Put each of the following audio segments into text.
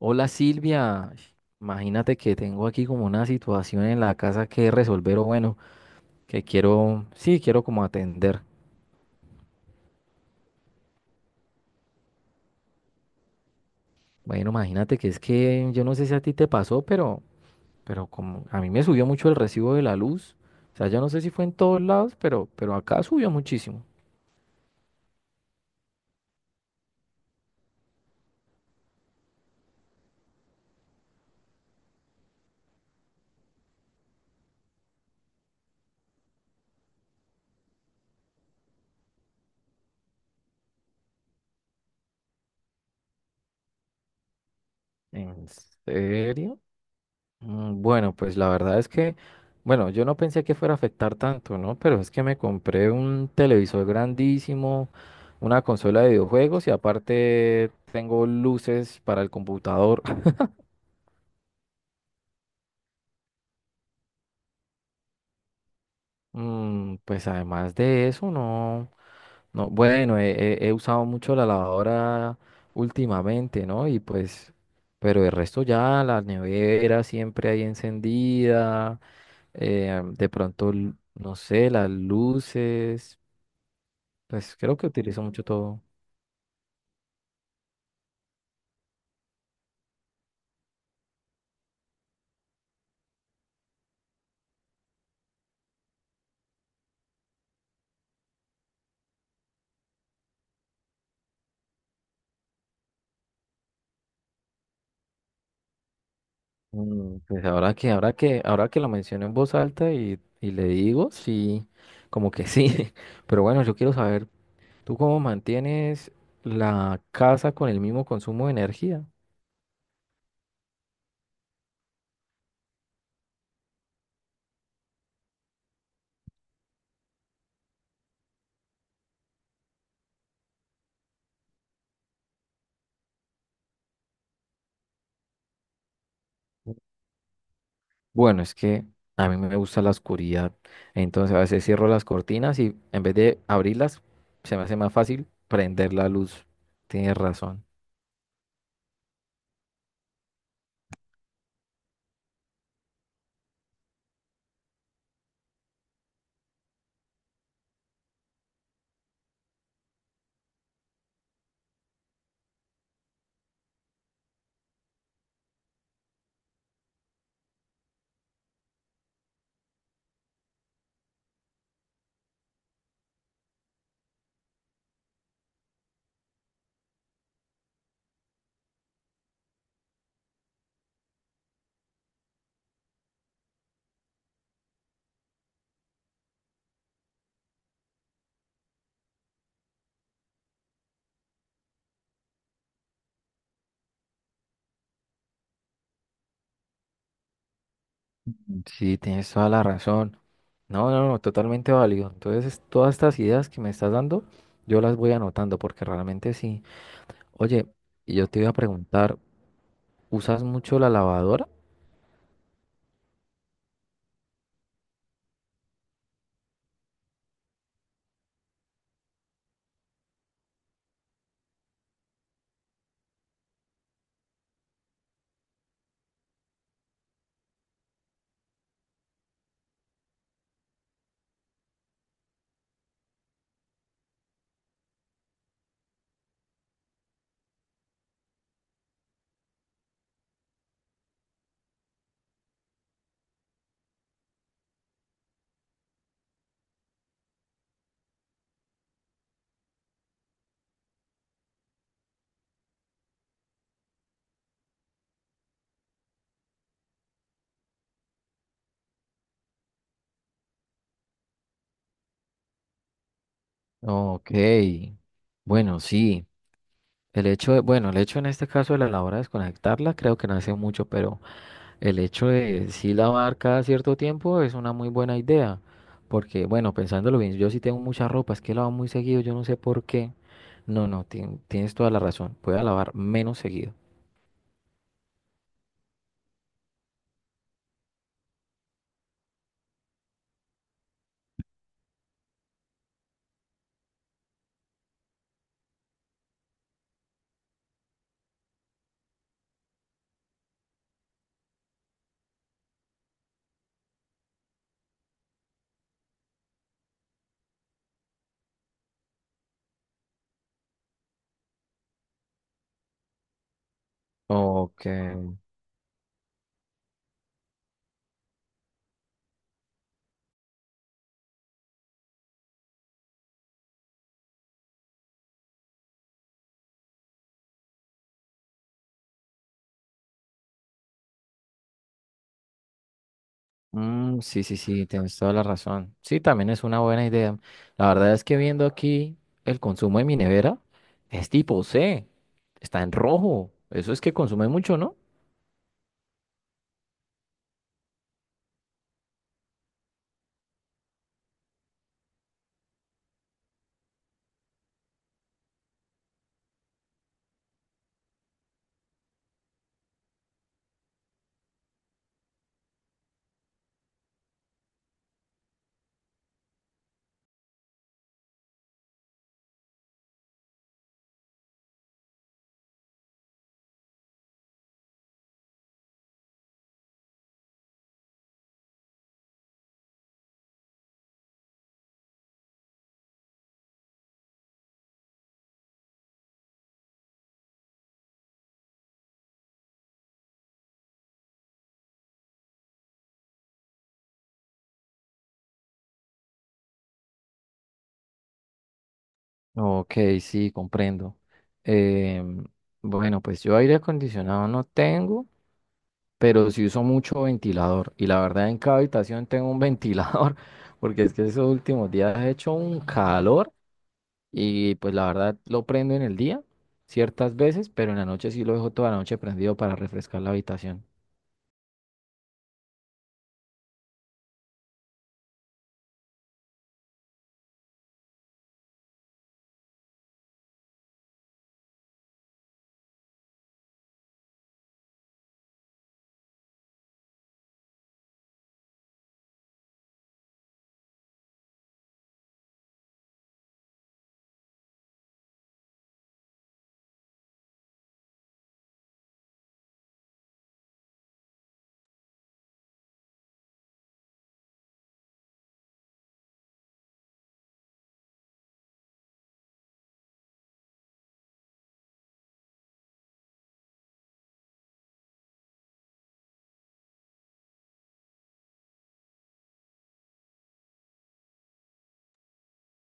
Hola Silvia, imagínate que tengo aquí como una situación en la casa que resolver o bueno, que quiero, sí, quiero como atender. Bueno, imagínate que es que yo no sé si a ti te pasó, pero como a mí me subió mucho el recibo de la luz. O sea, yo no sé si fue en todos lados, pero acá subió muchísimo. ¿En serio? Bueno, pues la verdad es que, bueno, yo no pensé que fuera a afectar tanto, ¿no? Pero es que me compré un televisor grandísimo, una consola de videojuegos y aparte tengo luces para el computador. Pues además de eso, no, no, bueno, he usado mucho la lavadora últimamente, ¿no? Y pues, pero el resto ya, la nevera siempre ahí encendida, de pronto, no sé, las luces. Pues creo que utilizo mucho todo. Pues ahora que lo menciono en voz alta y le digo, sí, como que sí. Pero bueno, yo quiero saber, ¿tú cómo mantienes la casa con el mismo consumo de energía? Bueno, es que a mí me gusta la oscuridad, entonces a veces cierro las cortinas y en vez de abrirlas, se me hace más fácil prender la luz. Tienes razón. Sí, tienes toda la razón. No, no, no, totalmente válido. Entonces, todas estas ideas que me estás dando, yo las voy anotando porque realmente sí. Oye, y yo te iba a preguntar, ¿usas mucho la lavadora? Ok, bueno, sí. El hecho de, bueno, el hecho en este caso de la lavadora desconectarla, creo que no hace mucho, pero el hecho de sí lavar cada cierto tiempo es una muy buena idea. Porque, bueno, pensándolo bien, yo sí tengo mucha ropa, es que lavo muy seguido, yo no sé por qué. No, no, tienes toda la razón. Voy a lavar menos seguido. Ok. Mm, sí, sí, sí, tienes toda la razón. Sí, también es una buena idea. La verdad es que viendo aquí el consumo de mi nevera, es tipo C, está en rojo. Eso es que consume mucho, ¿no? Ok, sí, comprendo. Em, bueno, pues yo aire acondicionado no tengo, pero sí uso mucho ventilador. Y la verdad en cada habitación tengo un ventilador, porque es que esos últimos días he hecho un calor. Y pues la verdad lo prendo en el día ciertas veces, pero en la noche sí lo dejo toda la noche prendido para refrescar la habitación.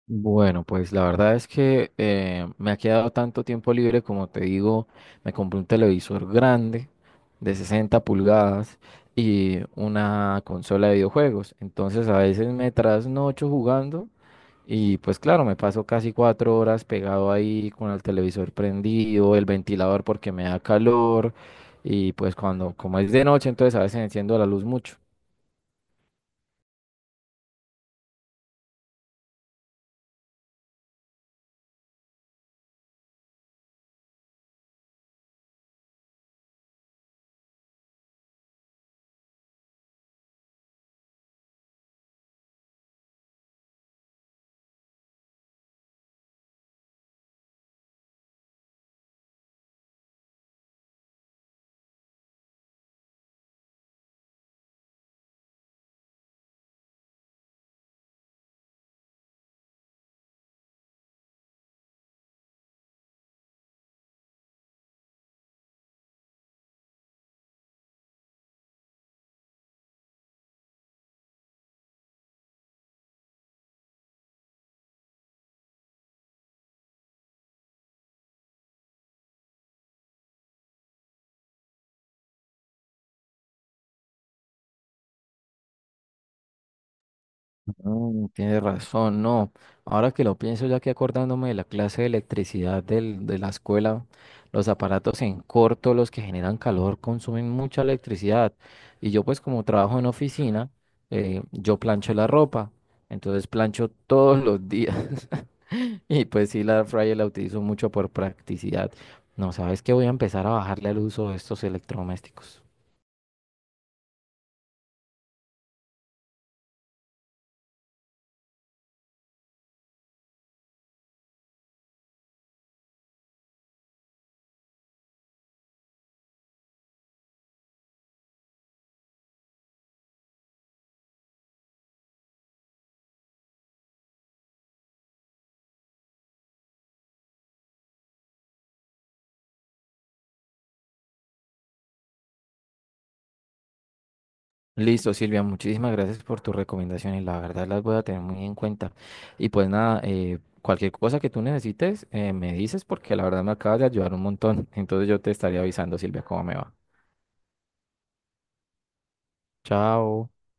Bueno, pues la verdad es que me ha quedado tanto tiempo libre, como te digo, me compré un televisor grande de 60 pulgadas y una consola de videojuegos. Entonces a veces me trasnocho jugando. Y pues claro, me paso casi 4 horas pegado ahí con el televisor prendido, el ventilador porque me da calor. Y pues cuando, como es de noche, entonces a veces enciendo la luz mucho. Tienes razón, no. Ahora que lo pienso, ya que acordándome de la clase de electricidad de la escuela, los aparatos en corto, los que generan calor, consumen mucha electricidad. Y yo pues como trabajo en oficina, yo plancho la ropa, entonces plancho todos los días. Y pues sí, la air fryer la utilizo mucho por practicidad. No, sabes que voy a empezar a bajarle al uso de estos electrodomésticos. Listo, Silvia, muchísimas gracias por tus recomendaciones. La verdad las voy a tener muy en cuenta. Y pues nada, cualquier cosa que tú necesites, me dices porque la verdad me acabas de ayudar un montón. Entonces yo te estaría avisando, Silvia, cómo me va. Chao.